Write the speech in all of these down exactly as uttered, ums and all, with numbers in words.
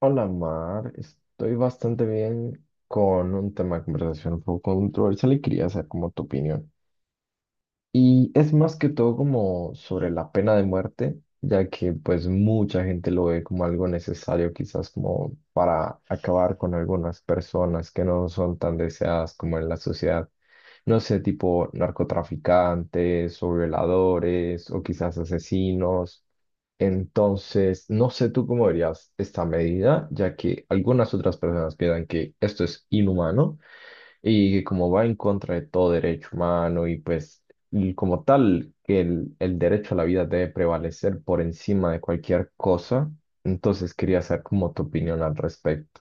Hola Mar, estoy bastante bien con un tema de conversación un poco controversial y quería saber como tu opinión. Y es más que todo como sobre la pena de muerte, ya que pues mucha gente lo ve como algo necesario quizás como para acabar con algunas personas que no son tan deseadas como en la sociedad. No sé, tipo narcotraficantes o violadores o quizás asesinos. Entonces, no sé tú cómo verías esta medida, ya que algunas otras personas piensan que esto es inhumano y que como va en contra de todo derecho humano y pues y como tal, que el, el derecho a la vida debe prevalecer por encima de cualquier cosa. Entonces quería saber como tu opinión al respecto.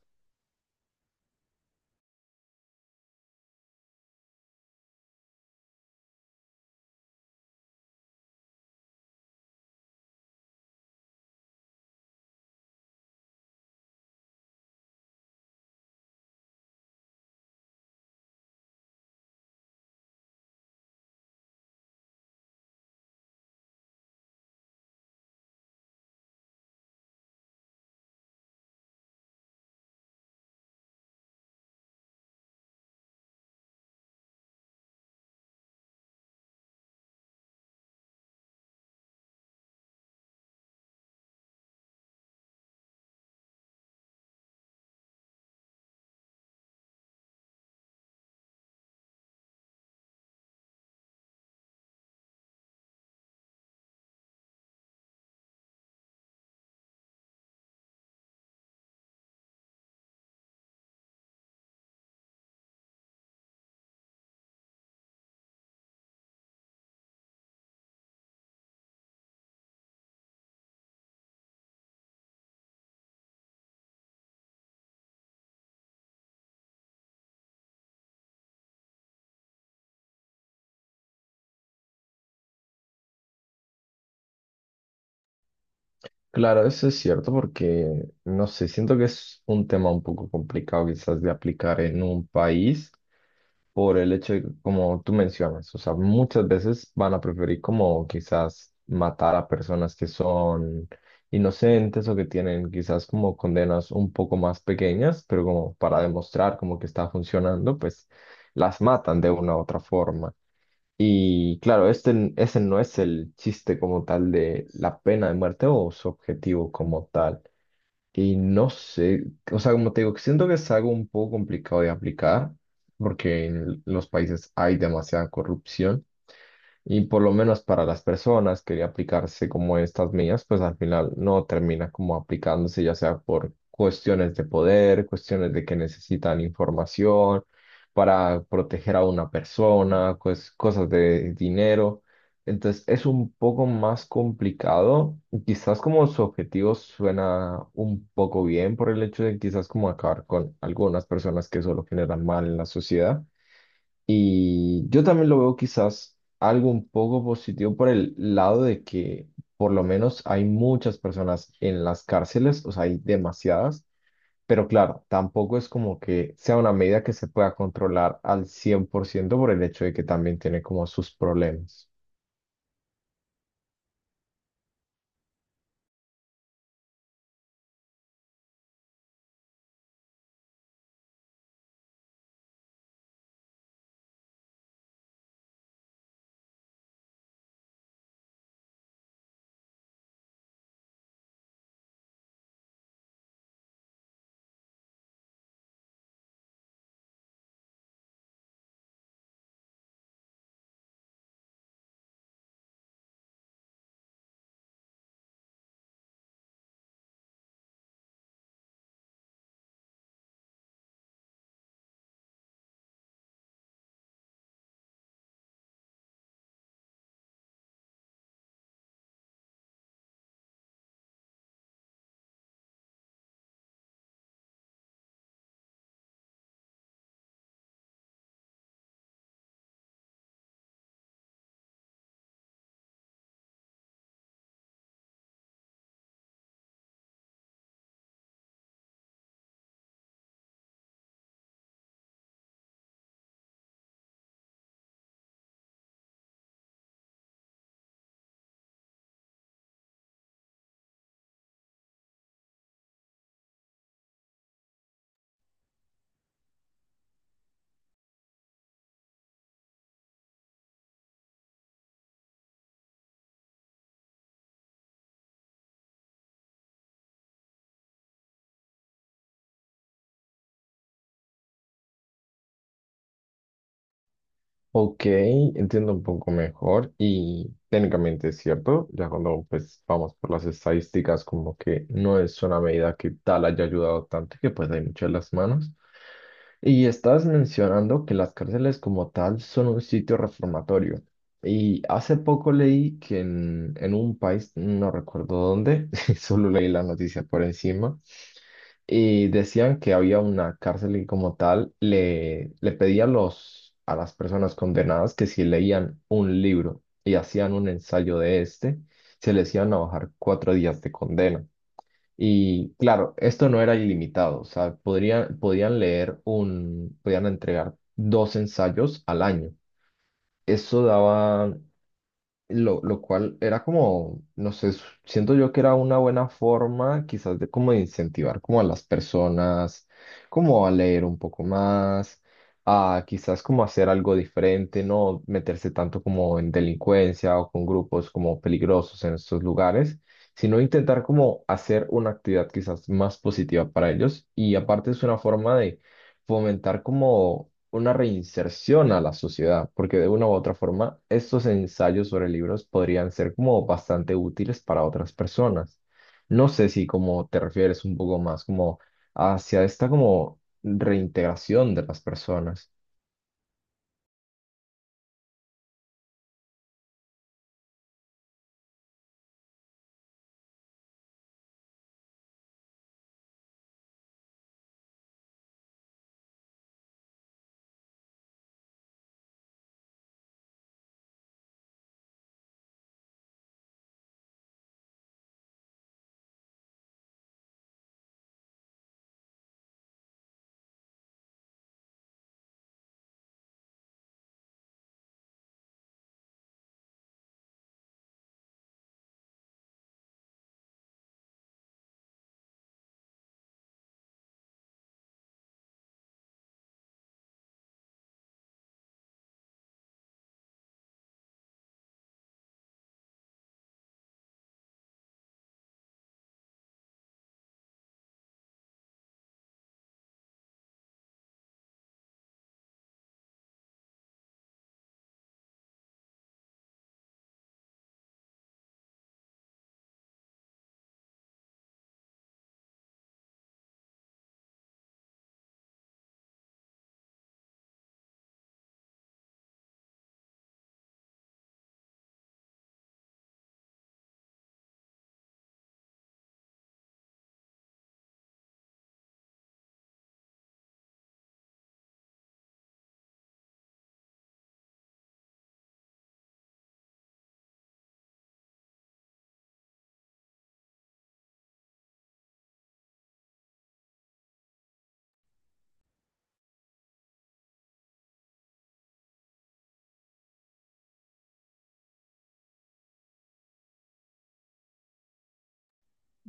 Claro, eso es cierto porque, no sé, siento que es un tema un poco complicado quizás de aplicar en un país, por el hecho de, como tú mencionas, o sea, muchas veces van a preferir como quizás matar a personas que son inocentes o que tienen quizás como condenas un poco más pequeñas, pero como para demostrar como que está funcionando, pues las matan de una u otra forma. Y claro, este, n- ese no es el chiste como tal de la pena de muerte o su objetivo como tal. Y no sé, o sea, como te digo, siento que es algo un poco complicado de aplicar, porque en los países hay demasiada corrupción. Y por lo menos para las personas que aplicarse como estas mías, pues al final no termina como aplicándose, ya sea por cuestiones de poder, cuestiones de que necesitan información para proteger a una persona, pues cosas de dinero. Entonces es un poco más complicado, y quizás como su objetivo suena un poco bien por el hecho de quizás como acabar con algunas personas que solo generan mal en la sociedad. Y yo también lo veo quizás algo un poco positivo por el lado de que por lo menos hay muchas personas en las cárceles, o sea, hay demasiadas, pero claro, tampoco es como que sea una medida que se pueda controlar al cien por ciento por ciento por el hecho de que también tiene como sus problemas. Ok, entiendo un poco mejor y técnicamente es cierto, ya cuando pues vamos por las estadísticas como que no es una medida que tal haya ayudado tanto y que pues hay muchas las manos. Y estabas mencionando que las cárceles como tal son un sitio reformatorio. Y hace poco leí que en, en un país, no recuerdo dónde, solo leí la noticia por encima, y decían que había una cárcel y como tal le, le pedía a los, a las personas condenadas que si leían un libro y hacían un ensayo de este, se les iban a bajar cuatro días de condena. Y claro, esto no era ilimitado, o sea, podrían, podían leer un, podían entregar dos ensayos al año. Eso daba lo, lo cual era como, no sé, s- siento yo que era una buena forma quizás de como de incentivar como a las personas, como a leer un poco más, a quizás como hacer algo diferente, no meterse tanto como en delincuencia o con grupos como peligrosos en estos lugares, sino intentar como hacer una actividad quizás más positiva para ellos. Y aparte es una forma de fomentar como una reinserción a la sociedad, porque de una u otra forma estos ensayos sobre libros podrían ser como bastante útiles para otras personas. No sé si como te refieres un poco más como hacia esta como reintegración de las personas.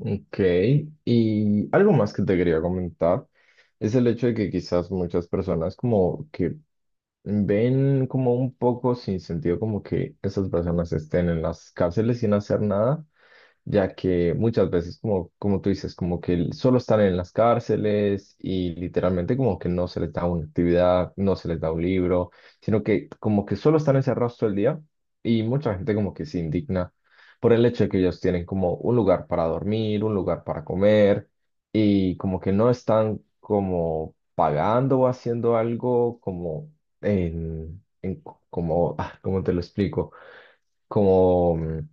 Ok, y algo más que te quería comentar es el hecho de que quizás muchas personas como que ven como un poco sin sentido como que esas personas estén en las cárceles sin hacer nada, ya que muchas veces, como, como tú dices, como que el- solo están en las cárceles y literalmente como que no se les da una actividad, no se les da un libro, sino que como que solo están encerrados todo el día y mucha gente como que se indigna por el hecho de que ellos tienen como un lugar para dormir, un lugar para comer y como que no están como pagando o haciendo algo como en, en co- como, ah, ¿cómo te lo explico? Como mm,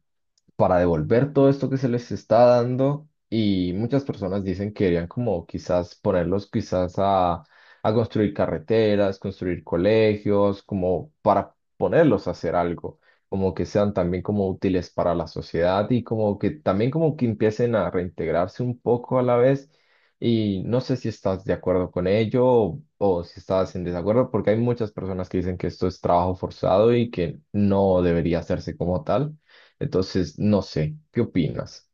para devolver todo esto que se les está dando y muchas personas dicen que querían como quizás ponerlos quizás a, a construir carreteras, construir colegios, como para ponerlos a hacer algo, como que sean también como útiles para la sociedad y como que también como que empiecen a reintegrarse un poco a la vez y no sé si estás de acuerdo con ello o, o si estás en desacuerdo, porque hay muchas personas que dicen que esto es trabajo forzado y que no debería hacerse como tal. Entonces, no sé, ¿qué opinas?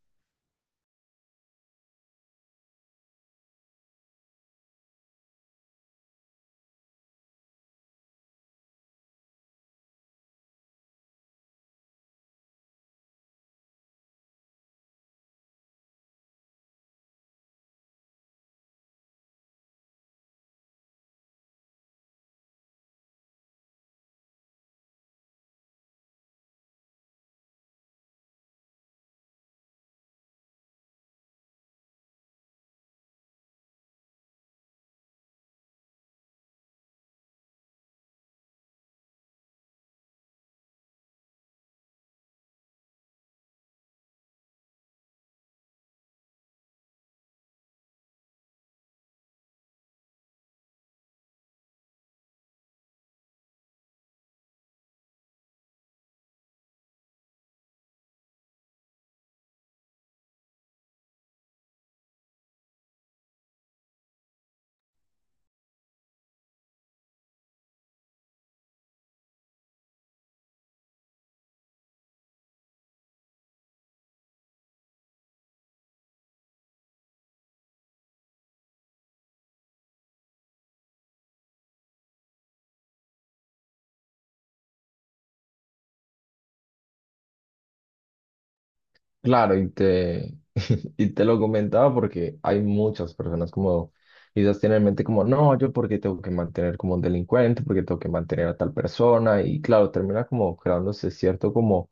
Claro, y te, y te lo comentaba porque hay muchas personas como quizás tienen en mente como, no, yo porque tengo que mantener como un delincuente, porque tengo que mantener a tal persona, y claro, termina como creándose cierto como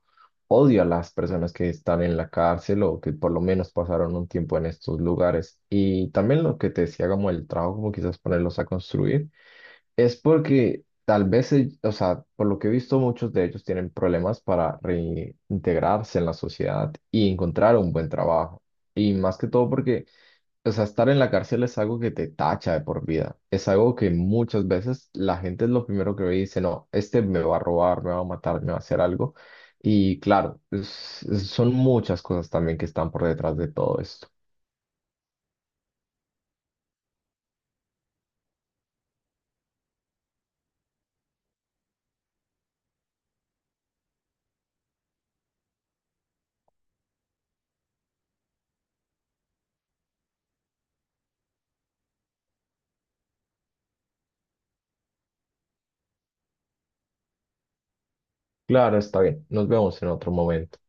odio a las personas que están en la cárcel o que por lo menos pasaron un tiempo en estos lugares. Y también lo que te decía como el trabajo, como quizás ponerlos a construir. Es porque tal vez, el- o sea, por lo que he visto, muchos de ellos tienen problemas para reintegrarse en la sociedad y encontrar un buen trabajo. Y más que todo porque, o sea, estar en la cárcel es algo que te tacha de por vida. Es algo que muchas veces la gente es lo primero que ve y dice, no, este me va a robar, me va a matar, me va a hacer algo. Y claro, es- es- son muchas cosas también que están por detrás de todo esto. Claro, está bien. Nos vemos en otro momento.